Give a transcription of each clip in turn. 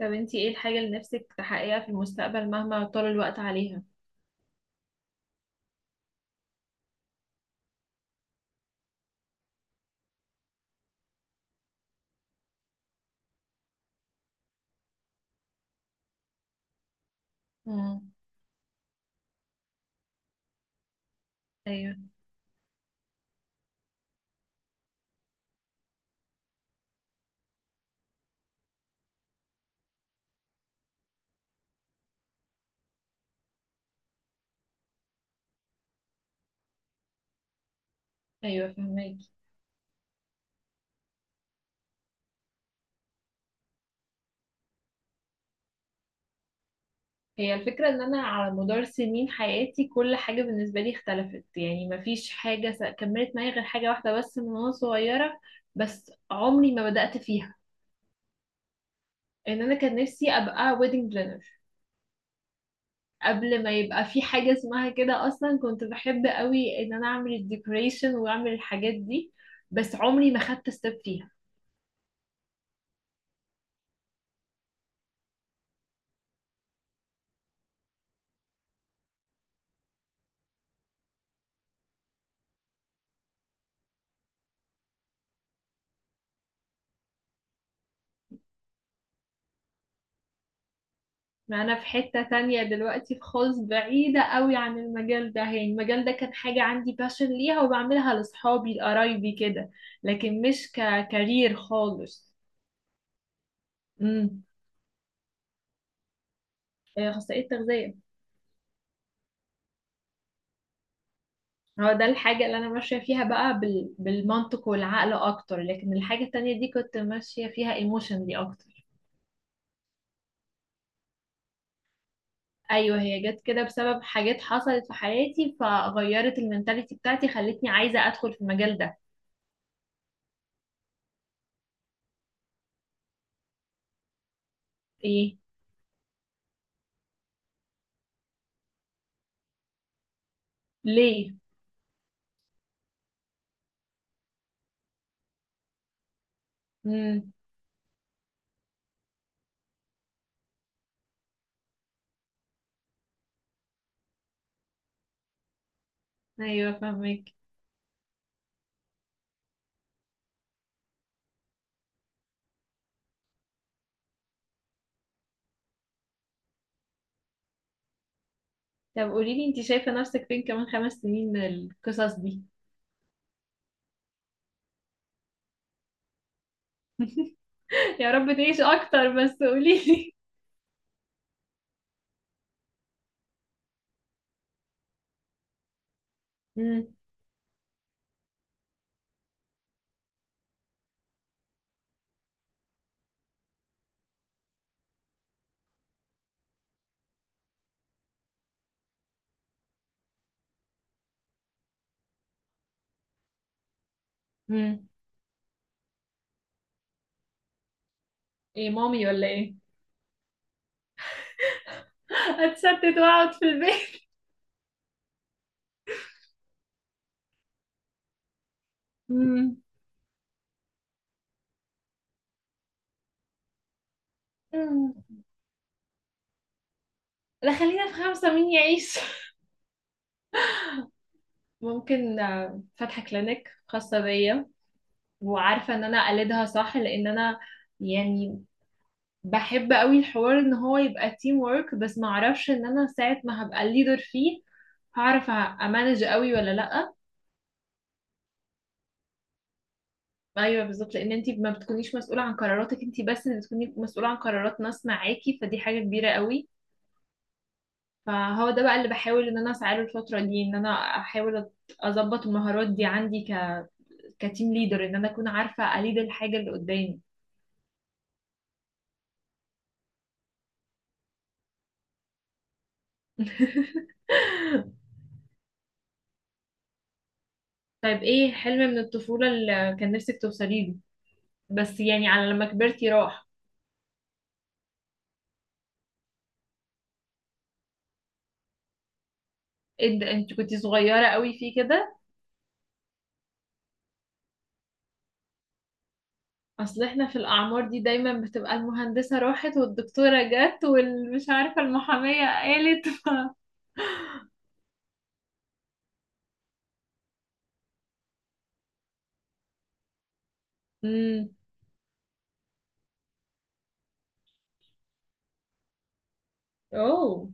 طب انتي ايه الحاجة اللي نفسك تحققيها في المستقبل مهما طال الوقت عليها. مم. ايوه. ايوه، فهماكي. هي الفكرة ان انا على مدار سنين حياتي كل حاجة بالنسبة لي اختلفت، يعني مفيش حاجة كملت معايا غير حاجة واحدة بس من وانا صغيرة، بس عمري ما بدأت فيها. ان انا كان نفسي ابقى ويدنج بلانر قبل ما يبقى في حاجة اسمها كده اصلا. كنت بحب قوي ان انا اعمل الديكوريشن واعمل الحاجات دي، بس عمري ما خدت ستيب فيها. ما انا في حتة تانية دلوقتي، في خالص بعيدة قوي عن المجال ده. يعني المجال ده كان حاجة عندي باشن ليها وبعملها لصحابي لقرايبي كده، لكن مش ككارير خالص. امم اخصائية تغذية. هو ده الحاجة اللي انا ماشية فيها بقى بالمنطق والعقل اكتر، لكن الحاجة التانية دي كنت ماشية فيها ايموشنلي اكتر. ايوه هي جت كده بسبب حاجات حصلت في حياتي فغيرت المنتاليتي بتاعتي، خلتني عايزة ادخل في المجال ده. ايه؟ ليه؟ امم ايوه فاهمك. طب قولي لي، انت شايفة نفسك فين كمان 5 سنين من القصص دي؟ يا رب تعيش اكتر، بس قولي لي. مم. مم. ايه، مامي ولا ايه؟ هتستت واقعد في البيت؟ مم. مم. لا خلينا في 5، مين يعيش؟ ممكن فاتحة كلينيك خاصة بيا، وعارفة ان انا اقلدها صح، لان انا يعني بحب قوي الحوار ان هو يبقى تيم وورك، بس ما اعرفش ان انا ساعة ما هبقى الليدر فيه هعرف امانج قوي ولا لا. ايوه بالظبط، لان انت ما بتكونيش مسؤوله عن قراراتك انت بس، اللي بتكوني مسؤوله عن قرارات ناس معاكي، فدي حاجه كبيره قوي. فهو ده بقى اللي بحاول ان انا اسعى له الفتره دي، ان انا احاول اظبط المهارات دي عندي كتيم ليدر، ان انا اكون عارفه اليد الحاجه اللي قدامي. طيب، ايه حلم من الطفوله اللي كان نفسك توصلي له، بس يعني على لما كبرتي راح؟ إيه ده، انت كنتي صغيره قوي فيه كده؟ اصل احنا في الاعمار دي دايما بتبقى المهندسة راحت والدكتورة جت والمش عارفة المحامية قالت. امم اوه.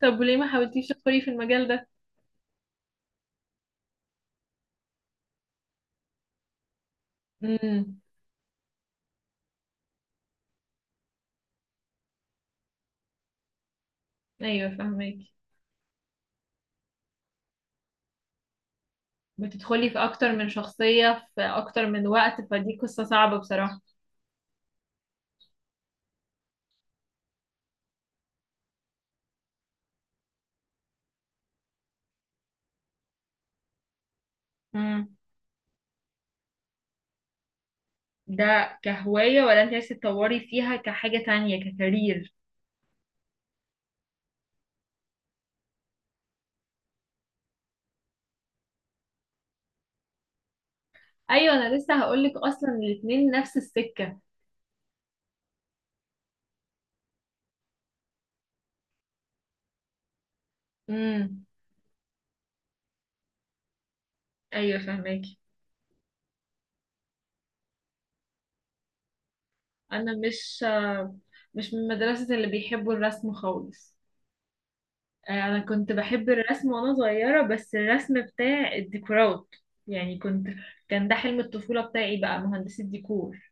طب وليه ما حاولتيش تدخلي في المجال ده؟ امم ايوه فهماكي. بتدخلي في اكتر من شخصية في اكتر من وقت، فدي قصة صعبة بصراحة. امم ده كهواية ولا انت عايزة تطوري فيها كحاجة تانية، ككارير؟ ايوه انا لسه هقولك اصلا، الاتنين نفس السكة. امم ايوه فهماكي. انا مش من مدرسة اللي بيحبوا الرسم خالص. انا كنت بحب الرسم وانا صغيرة، بس الرسم بتاع الديكورات. يعني كنت، كان ده حلم الطفولة بتاعي بقى، مهندسة ديكور.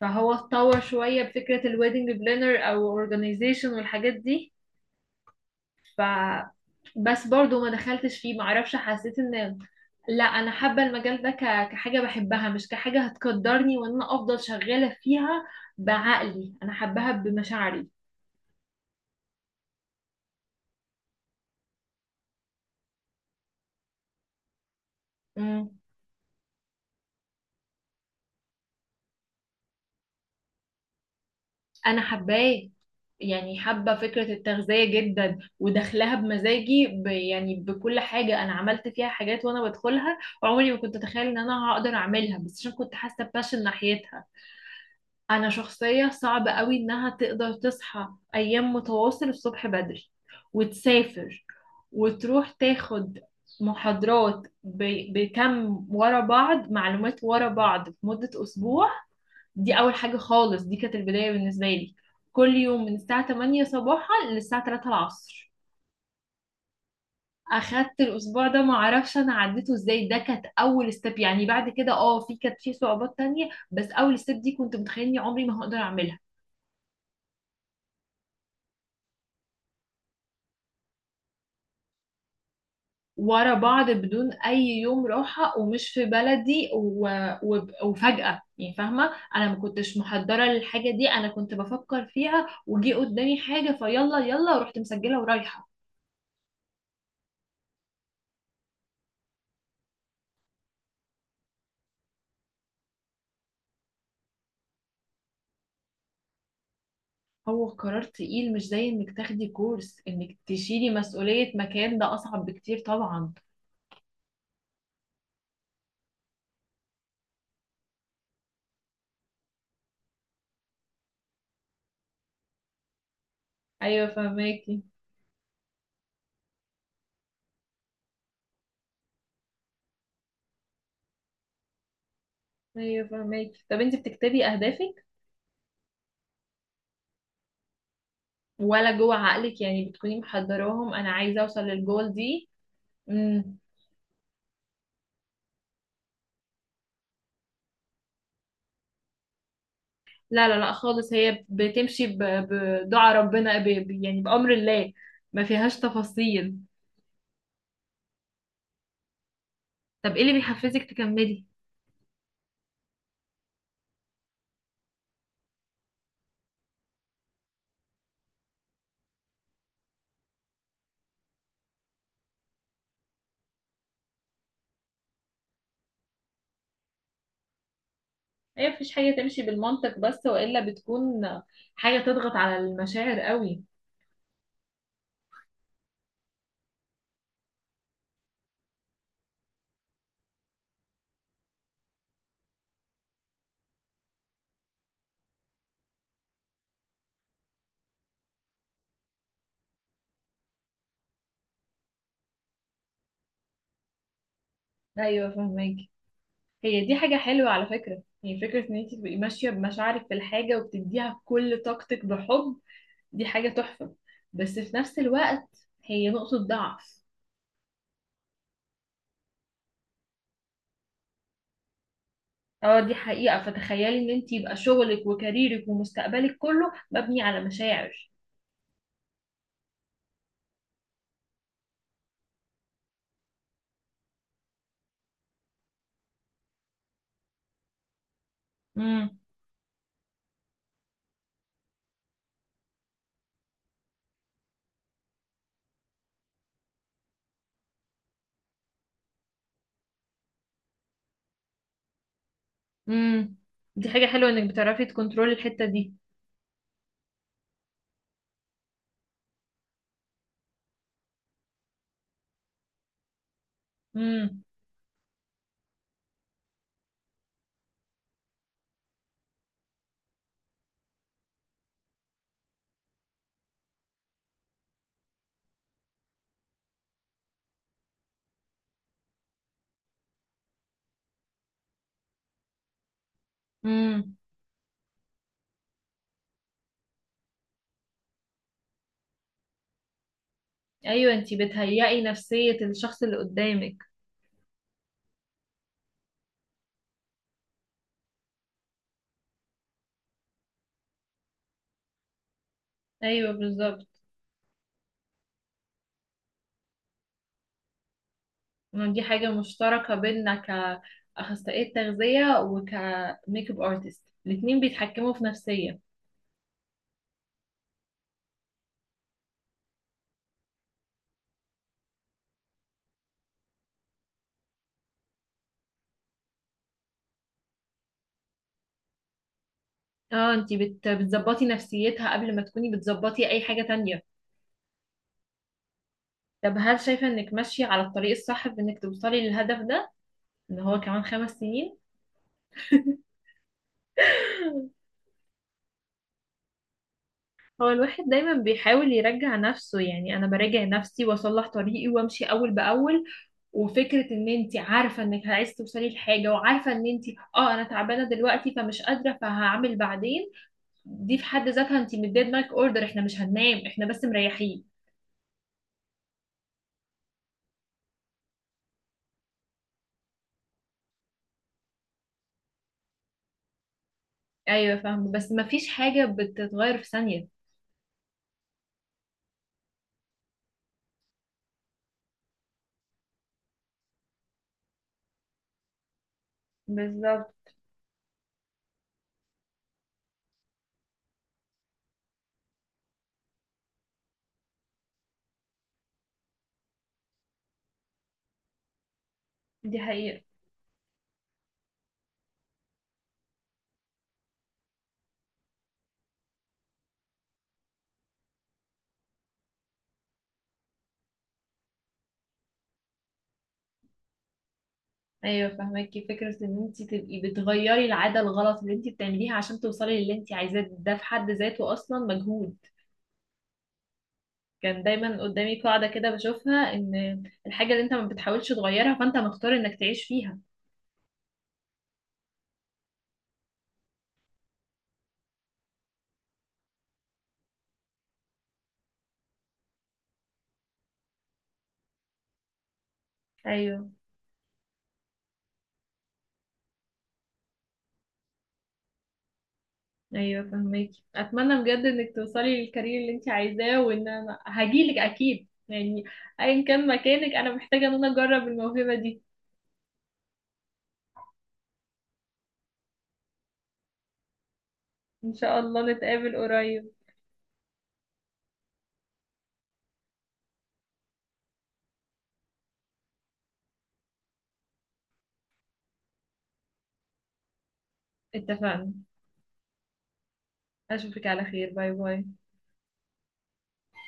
فهو اتطور شوية بفكرة الويدنج بلانر او اورجانيزيشن والحاجات دي. ف بس برضو ما دخلتش فيه، معرفش، حسيت ان لا انا حابة المجال ده كحاجة بحبها، مش كحاجة هتقدرني وان انا افضل شغالة فيها. بعقلي انا حباها بمشاعري. مم. انا حباه، يعني حابه فكره التغذيه جدا وداخلها بمزاجي يعني بكل حاجه، انا عملت فيها حاجات وانا بدخلها. عمري ما كنت اتخيل ان انا هقدر اعملها، بس عشان كنت حاسه باشن ناحيتها. انا شخصيه صعب قوي انها تقدر تصحى ايام متواصل الصبح بدري، وتسافر، وتروح تاخد محاضرات بكم ورا بعض، معلومات ورا بعض في مده اسبوع. دي اول حاجه خالص، دي كانت البدايه بالنسبه لي. كل يوم من الساعه 8 صباحا للساعه 3 العصر. اخدت الاسبوع ده ما اعرفش انا عديته ازاي. ده كانت اول ستيب يعني، بعد كده اه في كانت في صعوبات تانية، بس اول ستيب دي كنت متخيله اني عمري ما هقدر اعملها. ورا بعض بدون اي يوم راحه، ومش في بلدي، وفجاه يعني، فاهمه انا ما كنتش محضره للحاجه دي، انا كنت بفكر فيها وجي قدامي حاجه فيلا يلا ورحت مسجله ورايحه. هو قرار تقيل، مش زي انك تاخدي كورس، انك تشيلي مسؤولية مكان ده اصعب بكتير طبعا. ايوه فهماكي. ايوه فهماكي. طب انت بتكتبي اهدافك، ولا جوه عقلك يعني بتكوني محضراهم، انا عايزة اوصل للجول دي؟ امم لا لا لا خالص، هي بتمشي بدعاء ربنا، يعني بأمر الله، ما فيهاش تفاصيل. طب ايه اللي بيحفزك تكملي؟ ايه، مفيش حاجة تمشي بالمنطق بس، والا بتكون حاجة تضغط على المشاعر قوي؟ ايوه فهماكي. هي دي حاجة حلوة على فكرة، يعني فكرة ان انت تبقي ماشية بمشاعرك في الحاجة وبتديها كل طاقتك بحب، دي حاجة تحفة. بس في نفس الوقت هي نقطة ضعف. اه دي حقيقة. فتخيلي ان انت يبقى شغلك وكاريرك ومستقبلك كله مبني على مشاعر. امم امم دي حاجة حلوة انك بتعرفي تكنترولي الحتة دي. امم امم ايوه، انت بتهيئي نفسية الشخص اللي قدامك. ايوه بالظبط. إن دي حاجة مشتركة بينا كأخصائية تغذية وكميك اب ارتست، الاتنين بيتحكموا في نفسية. اه انتي بتظبطي نفسيتها قبل ما تكوني بتظبطي اي حاجة تانية. طب هل شايفة انك ماشية على الطريق الصح في انك توصلي للهدف ده، ان هو كمان 5 سنين؟ هو الواحد دايما بيحاول يرجع نفسه، يعني انا براجع نفسي واصلح طريقي وامشي اول باول. وفكره ان انت عارفه انك عايزه توصلي لحاجه، وعارفه ان انت اه انا تعبانه دلوقتي فمش قادره، فهعمل بعدين، دي في حد ذاتها انت مديه دماغك اوردر، احنا مش هننام، احنا بس مريحين. ايوه فاهمه، بس ما فيش حاجه بتتغير في ثانيه. بالظبط دي حقيقه. ايوه فاهماكي، فكره ان انت تبقي بتغيري العاده الغلط اللي انت بتعمليها عشان توصلي للي انت عايزاه، ده في حد ذاته اصلا مجهود. كان دايما قدامي قاعده كده بشوفها، ان الحاجه اللي انت ما بتحاولش تغيرها فانت مختار انك تعيش فيها. ايوه. ايوه فهمك. اتمنى بجد انك توصلي للكارير اللي انت عايزاه، وان انا هجيلك اكيد يعني، ايا كان مكانك، انا محتاجه ان انا اجرب الموهبه دي. ان شاء الله نتقابل قريب. اتفقنا. اشوفك على خير، باي باي.